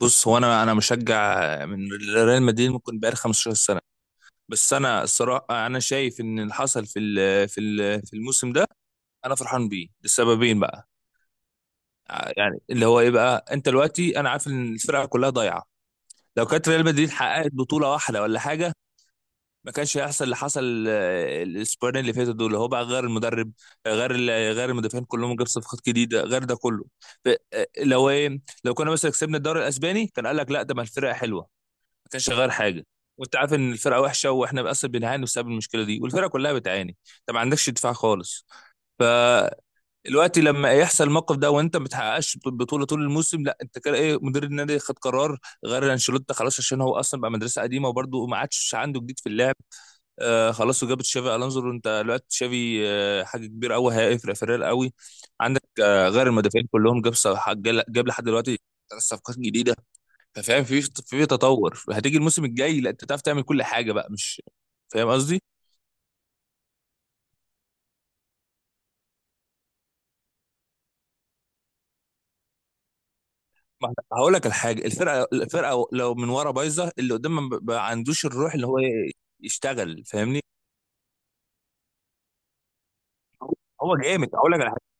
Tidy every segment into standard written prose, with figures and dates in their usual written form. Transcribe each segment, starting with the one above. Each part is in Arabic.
بص، هو انا مشجع من ريال مدريد ممكن بقالي 15 سنه. بس انا الصراحه انا شايف ان اللي حصل في الموسم ده انا فرحان بيه لسببين بقى. يعني اللي هو ايه بقى، انت دلوقتي انا عارف ان الفرقه كلها ضايعه. لو كانت ريال مدريد حققت بطوله واحده ولا حاجه ما كانش هيحصل اللي حصل الاسبوعين اللي فاتوا دول. هو بقى غير المدرب، آه، غير ال- غير المدافعين كلهم، جاب صفقات جديده غير ده كله. لو ايه، لو كنا مثلا كسبنا الدوري الاسباني كان قال لك لا ده ما الفرقه حلوه، ما كانش غير حاجه. وانت عارف ان الفرقه وحشه واحنا اصلا بنعاني بسبب المشكله دي والفرقه كلها بتعاني، انت ما عندكش دفاع خالص. فالوقت لما يحصل الموقف ده وانت ما بتحققش بطوله طول الموسم لا انت كده ايه، مدير النادي خد قرار غير انشيلوتي خلاص، عشان هو اصلا بقى مدرسه قديمه وبرده ما عادش عنده جديد في اللعب. آه خلاص، وجاب تشافي الونزو. انت دلوقتي تشافي آه حاجه كبيره قوي، هيفرق فريق قوي عندك. آه غير المدافعين كلهم، جاب جاب لحد دلوقتي ثلاث صفقات جديده. انت فاهم، في تطور. هتيجي الموسم الجاي لا انت تعرف تعمل كل حاجه بقى، مش فاهم قصدي؟ ما احنا- هقول لك الحاجه، الفرقه لو من ورا بايظه اللي قدام ما عندوش الروح اللي هو يشتغل، فاهمني؟ هو جامد، هقول لك على حاجه.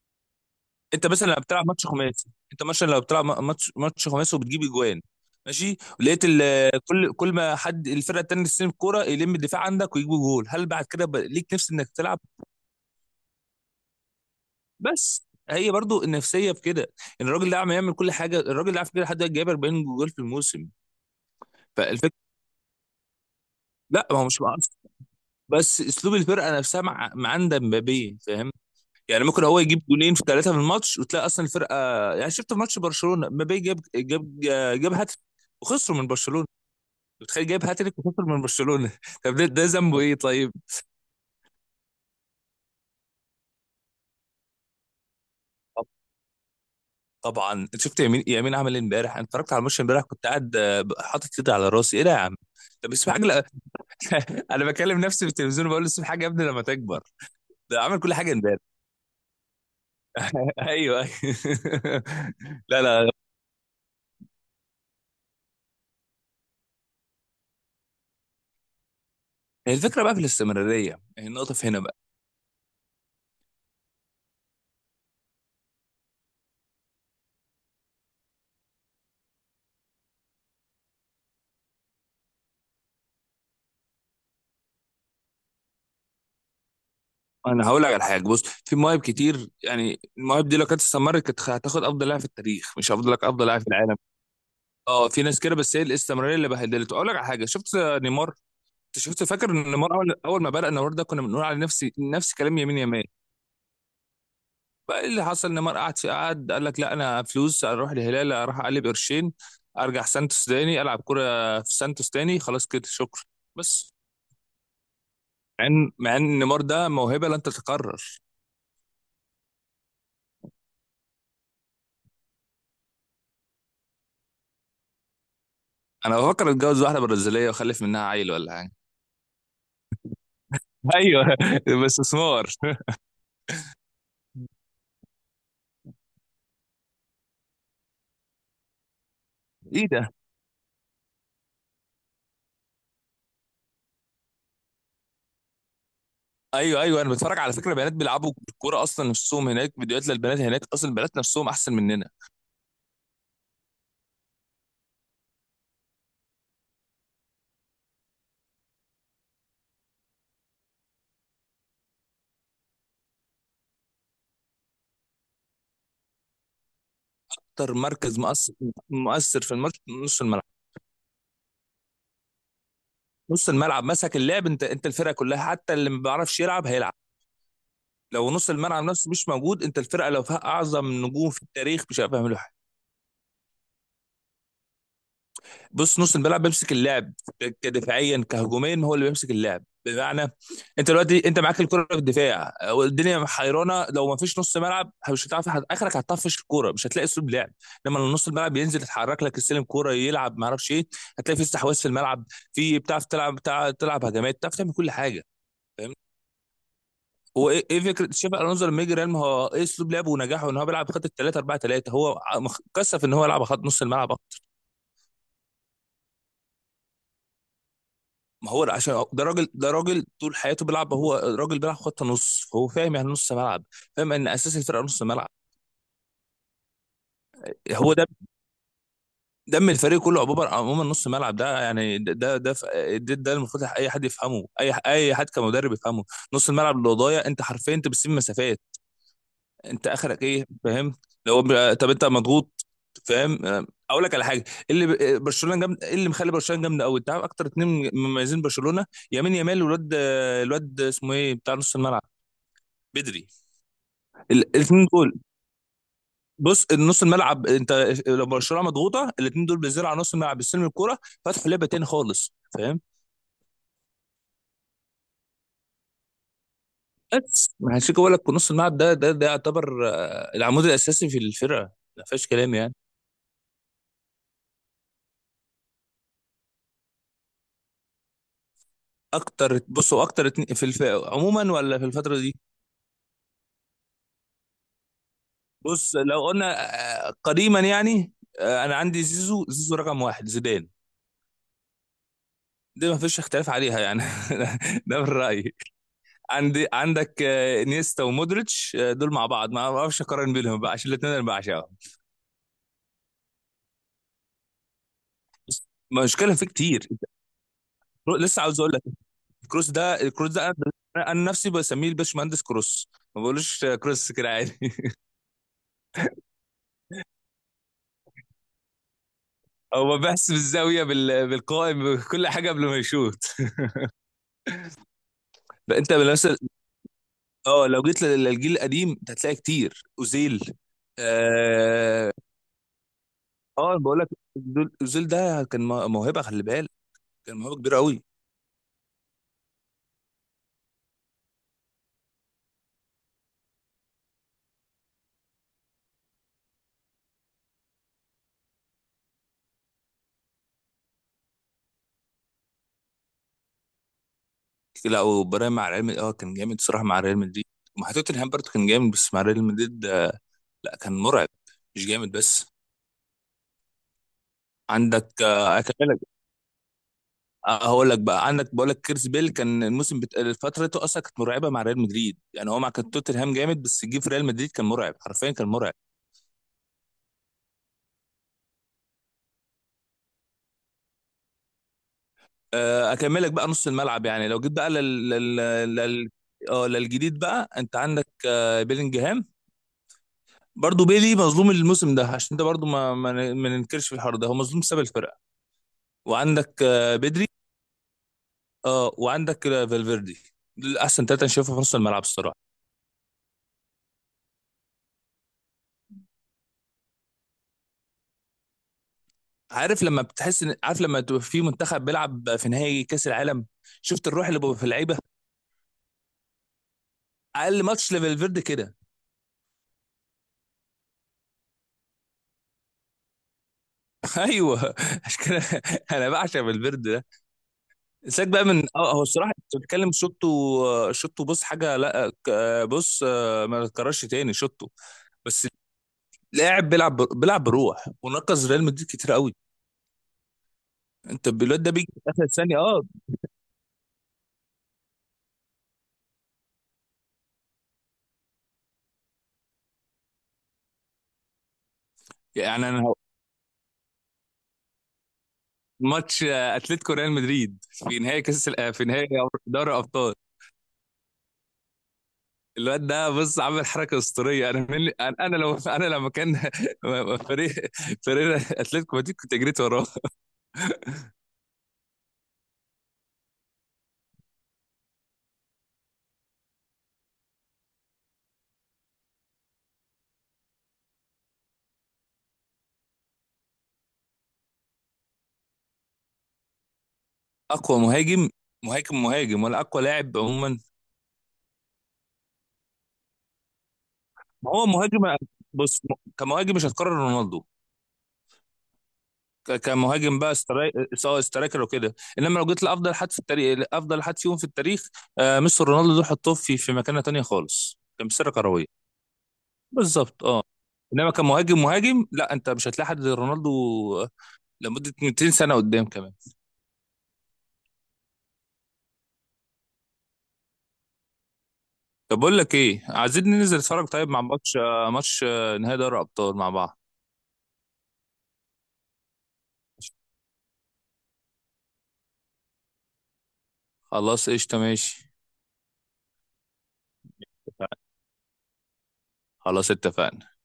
انت مثلا لو بتلعب ماتش خماسي، انت مثلا لو بتلعب ماتش خماسي وبتجيب اجوان ماشي، كل ما حد الفرقه التانيه تستلم الكوره يلم الدفاع عندك ويجيبوا جول، هل بعد كده بقى ليك نفس انك تلعب؟ بس هي برضو النفسيه في كده، ان الراجل ده عم يعمل كل حاجه. الراجل ده على فكره لحد دلوقتي جايب 40 جول في الموسم. فالفكره، لا ما هو مش مقصر، بس اسلوب الفرقه نفسها مع عند مبابي، فاهم؟ يعني ممكن هو يجيب جولين في ثلاثه في الماتش وتلاقي اصلا الفرقه. يعني شفت في ماتش برشلونه، مبابي جاب هاتريك وخسروا من برشلونه. بتخيل، جايب هاتريك وخسر من برشلونه طب ده ذنبه ايه طيب؟ طب- طبعا انت شفت يمين يمين عمل ايه امبارح؟ انا اتفرجت على الماتش امبارح كنت قاعد حاطط ايدي على راسي، ايه ده يا عم. طب اسمع حاجه. انا بكلم نفسي في التلفزيون بقول لسه حاجه يا ابني لما تكبر. ده عمل كل حاجه امبارح. ايوه أيوة. لا لا. هي الفكره بقى في الاستمراريه، هي النقطه في هنا بقى. انا هقول لك على حاجه، بص، في مواهب كتير. يعني المواهب دي لو كانت استمرت كانت هتاخد افضل لاعب في التاريخ، مش هفضل لك افضل لاعب في العالم. اه في ناس كده، بس هي الاستمراريه اللي بهدلته. اقول لك على حاجه، شفت نيمار؟ انت شفت، فاكر إن نيمار، اول ما بدا نيمار ده كنا بنقول على نفسي نفس كلام يمين يمال. بقى اللي حصل نيمار قعد في قعد قال لك لا انا فلوس اروح الهلال اروح اقلب قرشين، ارجع سانتوس تاني العب كرة في سانتوس تاني، خلاص كده شكرا، بس. مع ان مع ان نيمار ده موهبة لن تتكرر. انا بفكر اتجوز واحدة برازيلية واخلف منها عيل ولا حاجة. ايوه بس استثمار. ايه ده؟ ايوه ايوه، انا بتفرج على فكرة بنات بيلعبوا الكورة اصلا نفسهم هناك، فيديوهات للبنات هناك اصلا البنات نفسهم احسن مننا. اكتر مركز مؤثر، مؤثر في الماتش، نص الملعب. نص الملعب مسك اللعب، انت الفرقه كلها حتى اللي ما بيعرفش يلعب هيلعب. لو نص الملعب نفسه مش موجود، انت الفرقه لو فيها اعظم نجوم في التاريخ مش هيعرفوا يعملوا حاجه. بص، نص الملعب بيمسك اللعب كدفاعيا كهجوميا، هو اللي بيمسك اللعب. بمعنى، انت دلوقتي انت معاك الكره في الدفاع والدنيا حيرانه، لو ما فيش نص ملعب مش هتعرف اخرك هتطفش الكوره، مش هتلاقي اسلوب لعب. لما نص الملعب ينزل يتحرك لك السلم كوره يلعب ما اعرفش ايه، هتلاقي في استحواذ في الملعب، بتعرف تلعب، بتعرف تلعب هجمات، بتعرف تعمل كل حاجه. هو ايه فكره تشافي الونزو لما يجي ريال؟ ما هو ايه اسلوب لعبه ونجاحه، ان هو بيلعب بخط 3 4 3. هو كثف ان هو يلعب خط نص الملعب أكتر. ما هو عشان ده راجل، ده راجل طول حياته بيلعب، هو راجل بيلعب خط نص، فهو فاهم يعني نص ملعب، فاهم ان اساس الفرقه نص ملعب. هو ده دم الفريق كله، عموما نص ملعب ده، يعني ده المفروض اي حد يفهمه، اي حد كمدرب يفهمه. نص الملعب اللي ضايع انت حرفيا انت بتسيب مسافات، انت اخرك ايه فاهم؟ طب انت مضغوط، فاهم؟ اقول لك على حاجه، برشلونه جامد. ايه اللي مخلي برشلونه جامده قوي؟ انت عارف اكتر اتنين مميزين برشلونه، يمين يامال والواد آه، الواد اسمه ايه بتاع نص الملعب، بدري. الاثنين دول، بص النص الملعب، انت لو برشلونه مضغوطه الاثنين دول بينزلوا على نص الملعب بيستلموا الكوره، فتحوا لعبه تاني خالص، فاهم؟ بس ما هنشيك، اقول لك نص الملعب ده ده يعتبر العمود الاساسي في الفرقه، ما فيهاش كلام يعني. اكتر، بصوا، في عموما ولا في الفتره دي؟ بص لو قلنا قديما يعني، انا عندي زيزو، رقم واحد، زيدان. دي ما فيش اختلاف عليها يعني ده من رايي. عندي عندك آه، نيستا ومودريتش، دول مع بعض ما اعرفش اقارن بينهم بقى، عشان الاثنين انا بعشقهم، بس. مشكله في كتير لسه عاوز اقول لك. كروس ده، الكروس ده انا، أنا نفسي بسميه الباشمهندس كروس، ما بقولوش كروس كده عادي. هو بحس بالزاويه بالقائم بكل حاجه قبل ما يشوط. لا، انت مثلا اه لو جيت للجيل القديم انت هتلاقي كتير اوزيل. اه اه بقول لك، اوزيل ده كان موهبه، خلي بالك، كان موهبه كبيره قوي. لا، وبراهيم مع ريال مدريد اه كان جامد الصراحه مع ريال مدريد، ومع توتنهام برضه كان جامد، بس مع ريال مدريد لا كان مرعب، مش جامد بس. عندك اكملك، هقول لك بقى، عندك، بقول لك كيرس بيل كان الموسم فترته اصلا كانت مرعبه مع ريال مدريد، يعني هو مع كان توتنهام جامد بس جه في ريال مدريد كان مرعب، حرفيا كان مرعب. اكملك بقى نص الملعب. يعني لو جيت بقى لل لل لل اه للجديد بقى، انت عندك بيلينجهام. برضه بيلي مظلوم الموسم ده، عشان ده برضه ما ننكرش في الحوار ده هو مظلوم بسبب الفرقه. وعندك بدري، اه، وعندك فالفيردي. دول احسن ثلاثه انا شايفهم في نص الملعب الصراحه. عارف لما بتحس ان، عارف لما تبقى في منتخب بيلعب في نهائي كاس العالم، شفت الروح اللي بقى في اللعيبه؟ اقل ماتش لفالفيردي كده. ايوه، عشان كده انا بعشق فالفيردي. سيبك بقى من اه، هو الصراحه انت بتتكلم شطه. شطه، بص حاجه، لا ك- بص آه، ما تكررش تاني شطه بس. لاعب بيلعب بيلعب بروح، ونقص ريال مدريد كتير قوي. انت الواد ده بيجي في اخر ثانيه، اه. يعني انا ماتش اتلتيكو ريال مدريد في نهائي كاس ال- آه، في نهائي دوري الابطال، الواد ده بص عامل حركه اسطوريه. انا من انا، أنا لو انا لما كان فريق فريق اتلتيكو مدريد كنت جريت وراه. اقوى مهاجم؟ مهاجم ولا اقوى لاعب عموما؟ ما هو مهاجم، بص، كمهاجم مش هتكرر رونالدو. كمهاجم بقى سواء سترايكر وكده، انما لو جيت لافضل حد في التاريخ، افضل حد فيهم في التاريخ آه ميسي رونالدو دول حطوه في مكانه تانية خالص كمسيره كرويه. بالظبط اه، انما كمهاجم مهاجم لا انت مش هتلاقي حد زي رونالدو آه، لمده 200 سنه قدام كمان. طب بقول لك ايه، عايزين ننزل نتفرج طيب مع ماتش نهائي دوري ابطال مع بعض؟ خلاص قشطه ماشي، خلاص اتفقنا.